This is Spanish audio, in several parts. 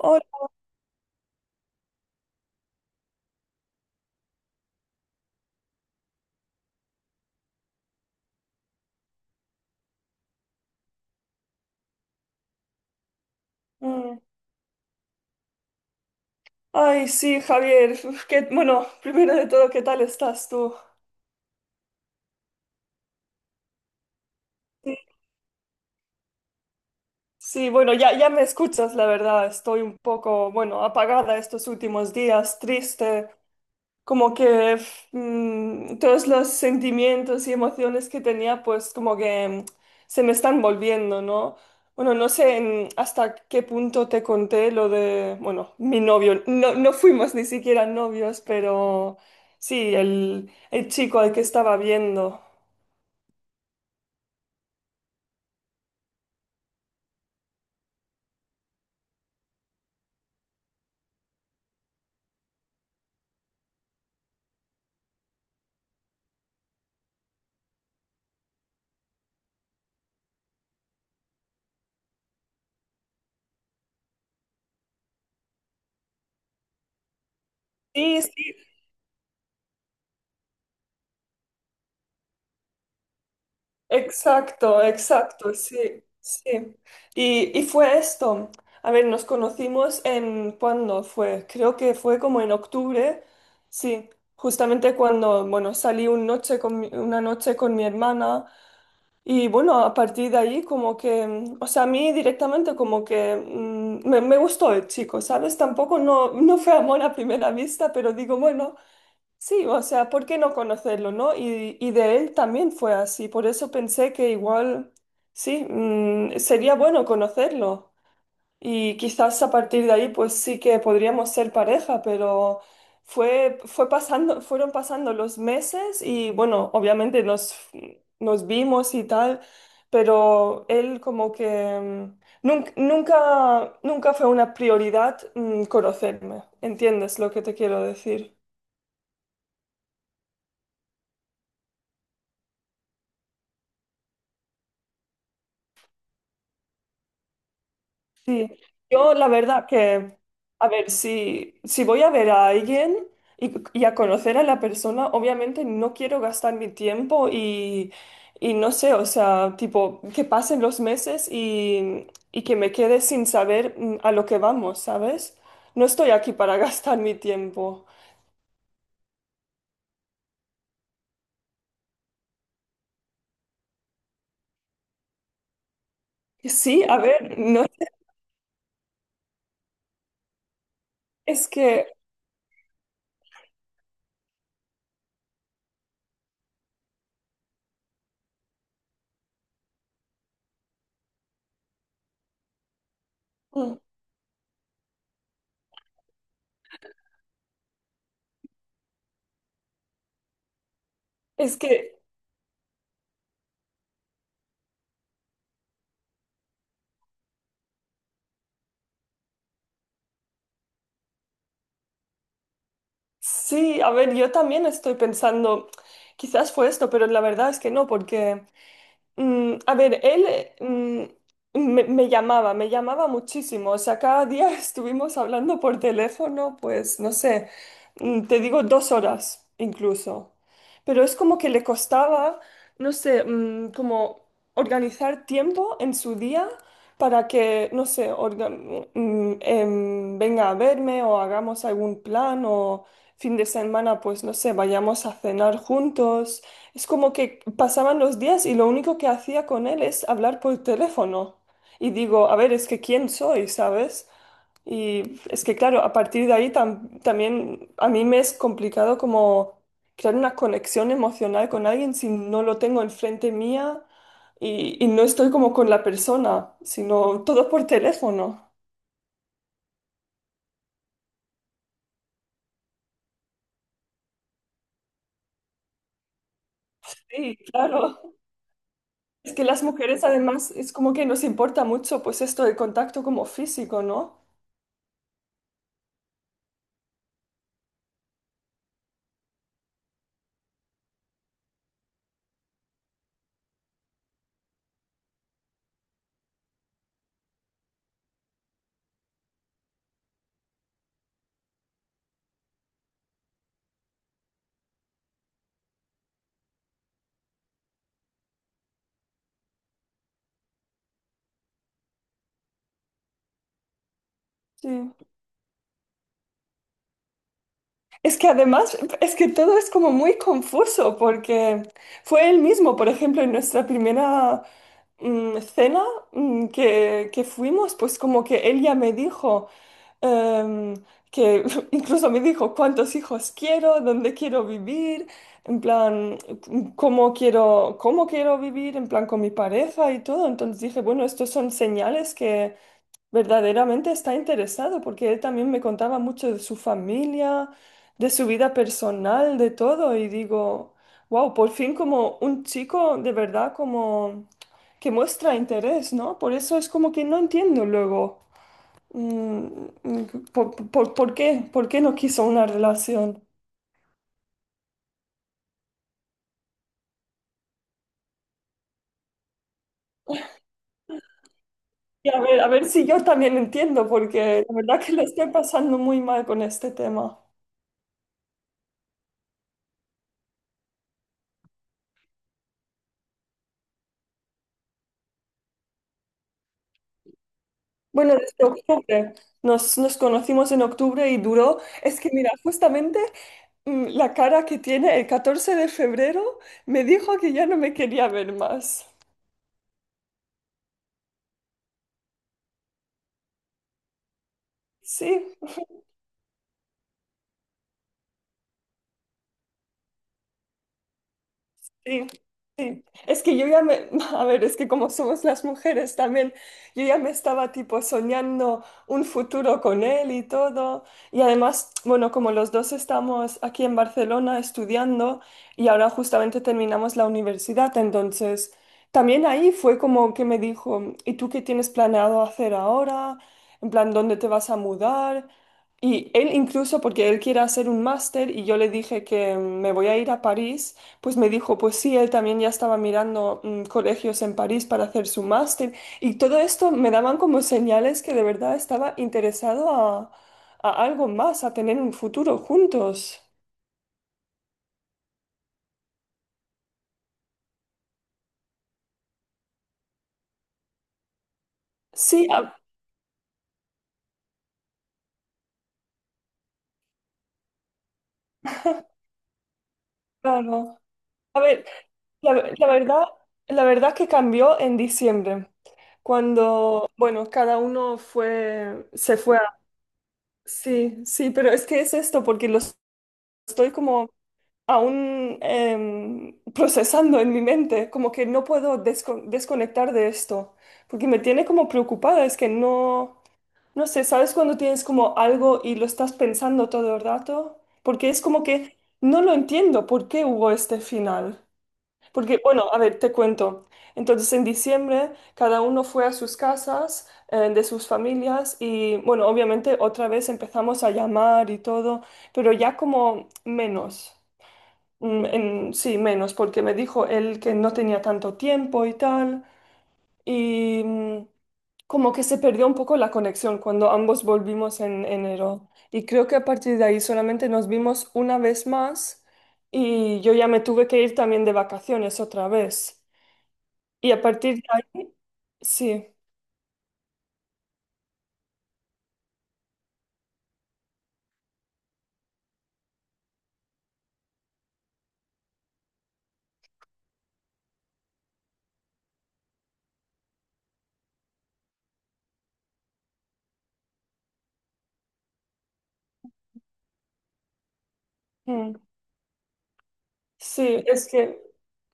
Hola. Mm. Ay, sí, Javier. Bueno, primero de todo, ¿qué tal estás tú? Sí, Sí, bueno, ya me escuchas, la verdad. Estoy un poco, bueno, apagada estos últimos días, triste. Como que todos los sentimientos y emociones que tenía, pues como que se me están volviendo, ¿no? Bueno, no sé hasta qué punto te conté lo de, bueno, mi novio. No fuimos ni siquiera novios, pero sí, el chico al que estaba viendo. Sí, sí. Exacto, exacto, sí, sí. Y fue esto. A ver, nos conocimos en, ¿cuándo fue? Creo que fue como en octubre, sí, justamente cuando, bueno, salí un noche con mi- una noche con mi hermana, y bueno, a partir de ahí como que, o sea, a mí directamente como que me gustó el chico, ¿sabes? Tampoco no fue amor a primera vista, pero digo, bueno. Sí, o sea, ¿por qué no conocerlo, no? Y de él también fue así, por eso pensé que igual, sí, sería bueno conocerlo. Y quizás a partir de ahí, pues sí que podríamos ser pareja, pero fueron pasando los meses y bueno, obviamente nos vimos y tal, pero él como que nunca, nunca fue una prioridad, conocerme, ¿entiendes lo que te quiero decir? Sí, yo la verdad que, a ver, si voy a ver a alguien y a conocer a la persona, obviamente no quiero gastar mi tiempo y no sé, o sea, tipo, que pasen los meses y que me quede sin saber a lo que vamos, ¿sabes? No estoy aquí para gastar mi tiempo. Sí, a ver, no, es que, mm, es que, sí, a ver, yo también estoy pensando, quizás fue esto, pero la verdad es que no, porque... a ver, él, me llamaba muchísimo. O sea, cada día estuvimos hablando por teléfono, pues no sé, te digo dos horas incluso. Pero es como que le costaba, no sé, como organizar tiempo en su día para que, no sé, orga- mm, em, venga a verme o hagamos algún plan o fin de semana, pues no sé, vayamos a cenar juntos. Es como que pasaban los días y lo único que hacía con él es hablar por teléfono. Y digo, a ver, es que quién soy, ¿sabes? Y es que claro, a partir de ahí también a mí me es complicado como crear una conexión emocional con alguien si no lo tengo enfrente mía y no estoy como con la persona, sino todo por teléfono. Sí, claro. Es que las mujeres además es como que nos importa mucho pues esto del contacto como físico, ¿no? Sí. Es que además, es que todo es como muy confuso porque fue él mismo, por ejemplo, en nuestra primera cena que fuimos, pues como que él ya me dijo, em, que incluso me dijo cuántos hijos quiero, dónde quiero vivir, en plan, cómo quiero vivir, en plan con mi pareja y todo. Entonces dije, bueno, estos son señales, verdaderamente está interesado, porque él también me contaba mucho de su familia, de su vida personal, de todo, y digo, wow, por fin como un chico de verdad como que muestra interés, ¿no? Por eso es como que no entiendo luego, mm, mm, por qué no quiso una relación. Y a ver si yo también entiendo, porque la verdad que lo estoy pasando muy mal con este tema. Bueno, desde octubre. Nos conocimos en octubre y duró. Es que mira, justamente la cara que tiene el 14 de febrero me dijo que ya no me quería ver más. Sí. Sí, sí. Es que yo ya me, a ver, es que como somos las mujeres también, yo ya me estaba tipo soñando un futuro con él y todo. Y además, bueno, como los dos estamos aquí en Barcelona estudiando y ahora justamente terminamos la universidad, entonces también ahí fue como que me dijo, ¿y tú qué tienes planeado hacer ahora? En plan, ¿dónde te vas a mudar? Y él incluso, porque él quiere hacer un máster y yo le dije que me voy a ir a París, pues me dijo, pues sí, él también ya estaba mirando colegios en París para hacer su máster, y todo esto me daban como señales que de verdad estaba interesado a algo más, a tener un futuro juntos. Sí, a- claro. A ver, la, la verdad, la verdad que cambió en diciembre, cuando, bueno, cada uno fue, se fue a... Sí, sí, pero es que es esto, porque los estoy como aún procesando en mi mente, como que no puedo desconectar de esto, porque me tiene como preocupada, es que no, no sé, ¿sabes cuando tienes como algo y lo estás pensando todo el rato? Porque es como que no lo entiendo, ¿por qué hubo este final? Porque, bueno, a ver, te cuento. Entonces, en diciembre, cada uno fue a sus casas, de sus familias, y bueno, obviamente otra vez empezamos a llamar y todo, pero ya como menos. Sí, menos, porque me dijo él que no tenía tanto tiempo y tal, y como que se perdió un poco la conexión cuando ambos volvimos en enero. Y creo que a partir de ahí solamente nos vimos una vez más y yo ya me tuve que ir también de vacaciones otra vez. Y a partir de ahí, sí. mm. Sí,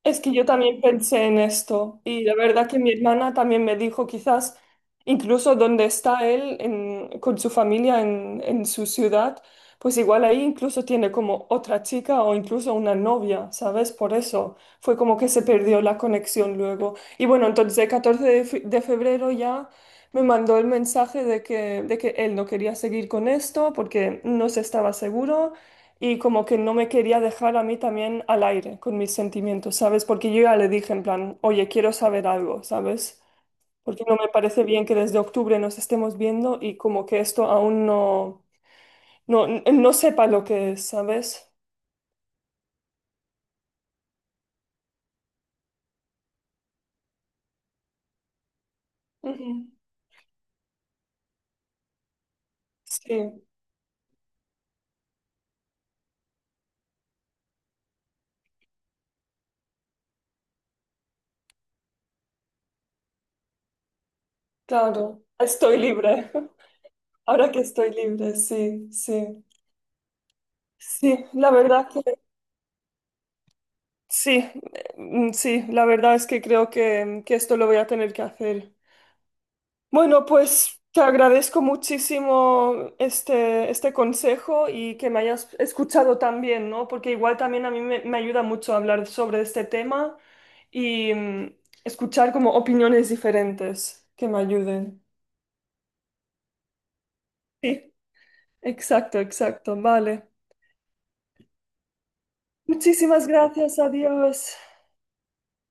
es que yo también pensé en esto y la verdad que mi hermana también me dijo quizás incluso donde está él con su familia en su ciudad, pues igual ahí incluso tiene como otra chica o incluso una novia, ¿sabes? Por eso fue como que se perdió la conexión luego. Y bueno, entonces el 14 de febrero ya me mandó el mensaje de que él no quería seguir con esto porque no se estaba seguro y como que no me quería dejar a mí también al aire con mis sentimientos, ¿sabes? Porque yo ya le dije en plan, oye, quiero saber algo, ¿sabes? Porque no me parece bien que desde octubre nos estemos viendo y como que esto aún no, no sepa lo que es, ¿sabes? Ujú. Sí, claro, estoy libre. Ahora que estoy libre, sí, sí. Sí, la verdad que sí, sí, la verdad es que creo que esto lo voy a tener que hacer. Bueno, pues te agradezco muchísimo este consejo y que me hayas escuchado también, ¿no? Porque igual también a mí me ayuda mucho hablar sobre este tema y escuchar como opiniones diferentes que me ayuden. Sí, exacto, exacto, vale. Muchísimas gracias, adiós.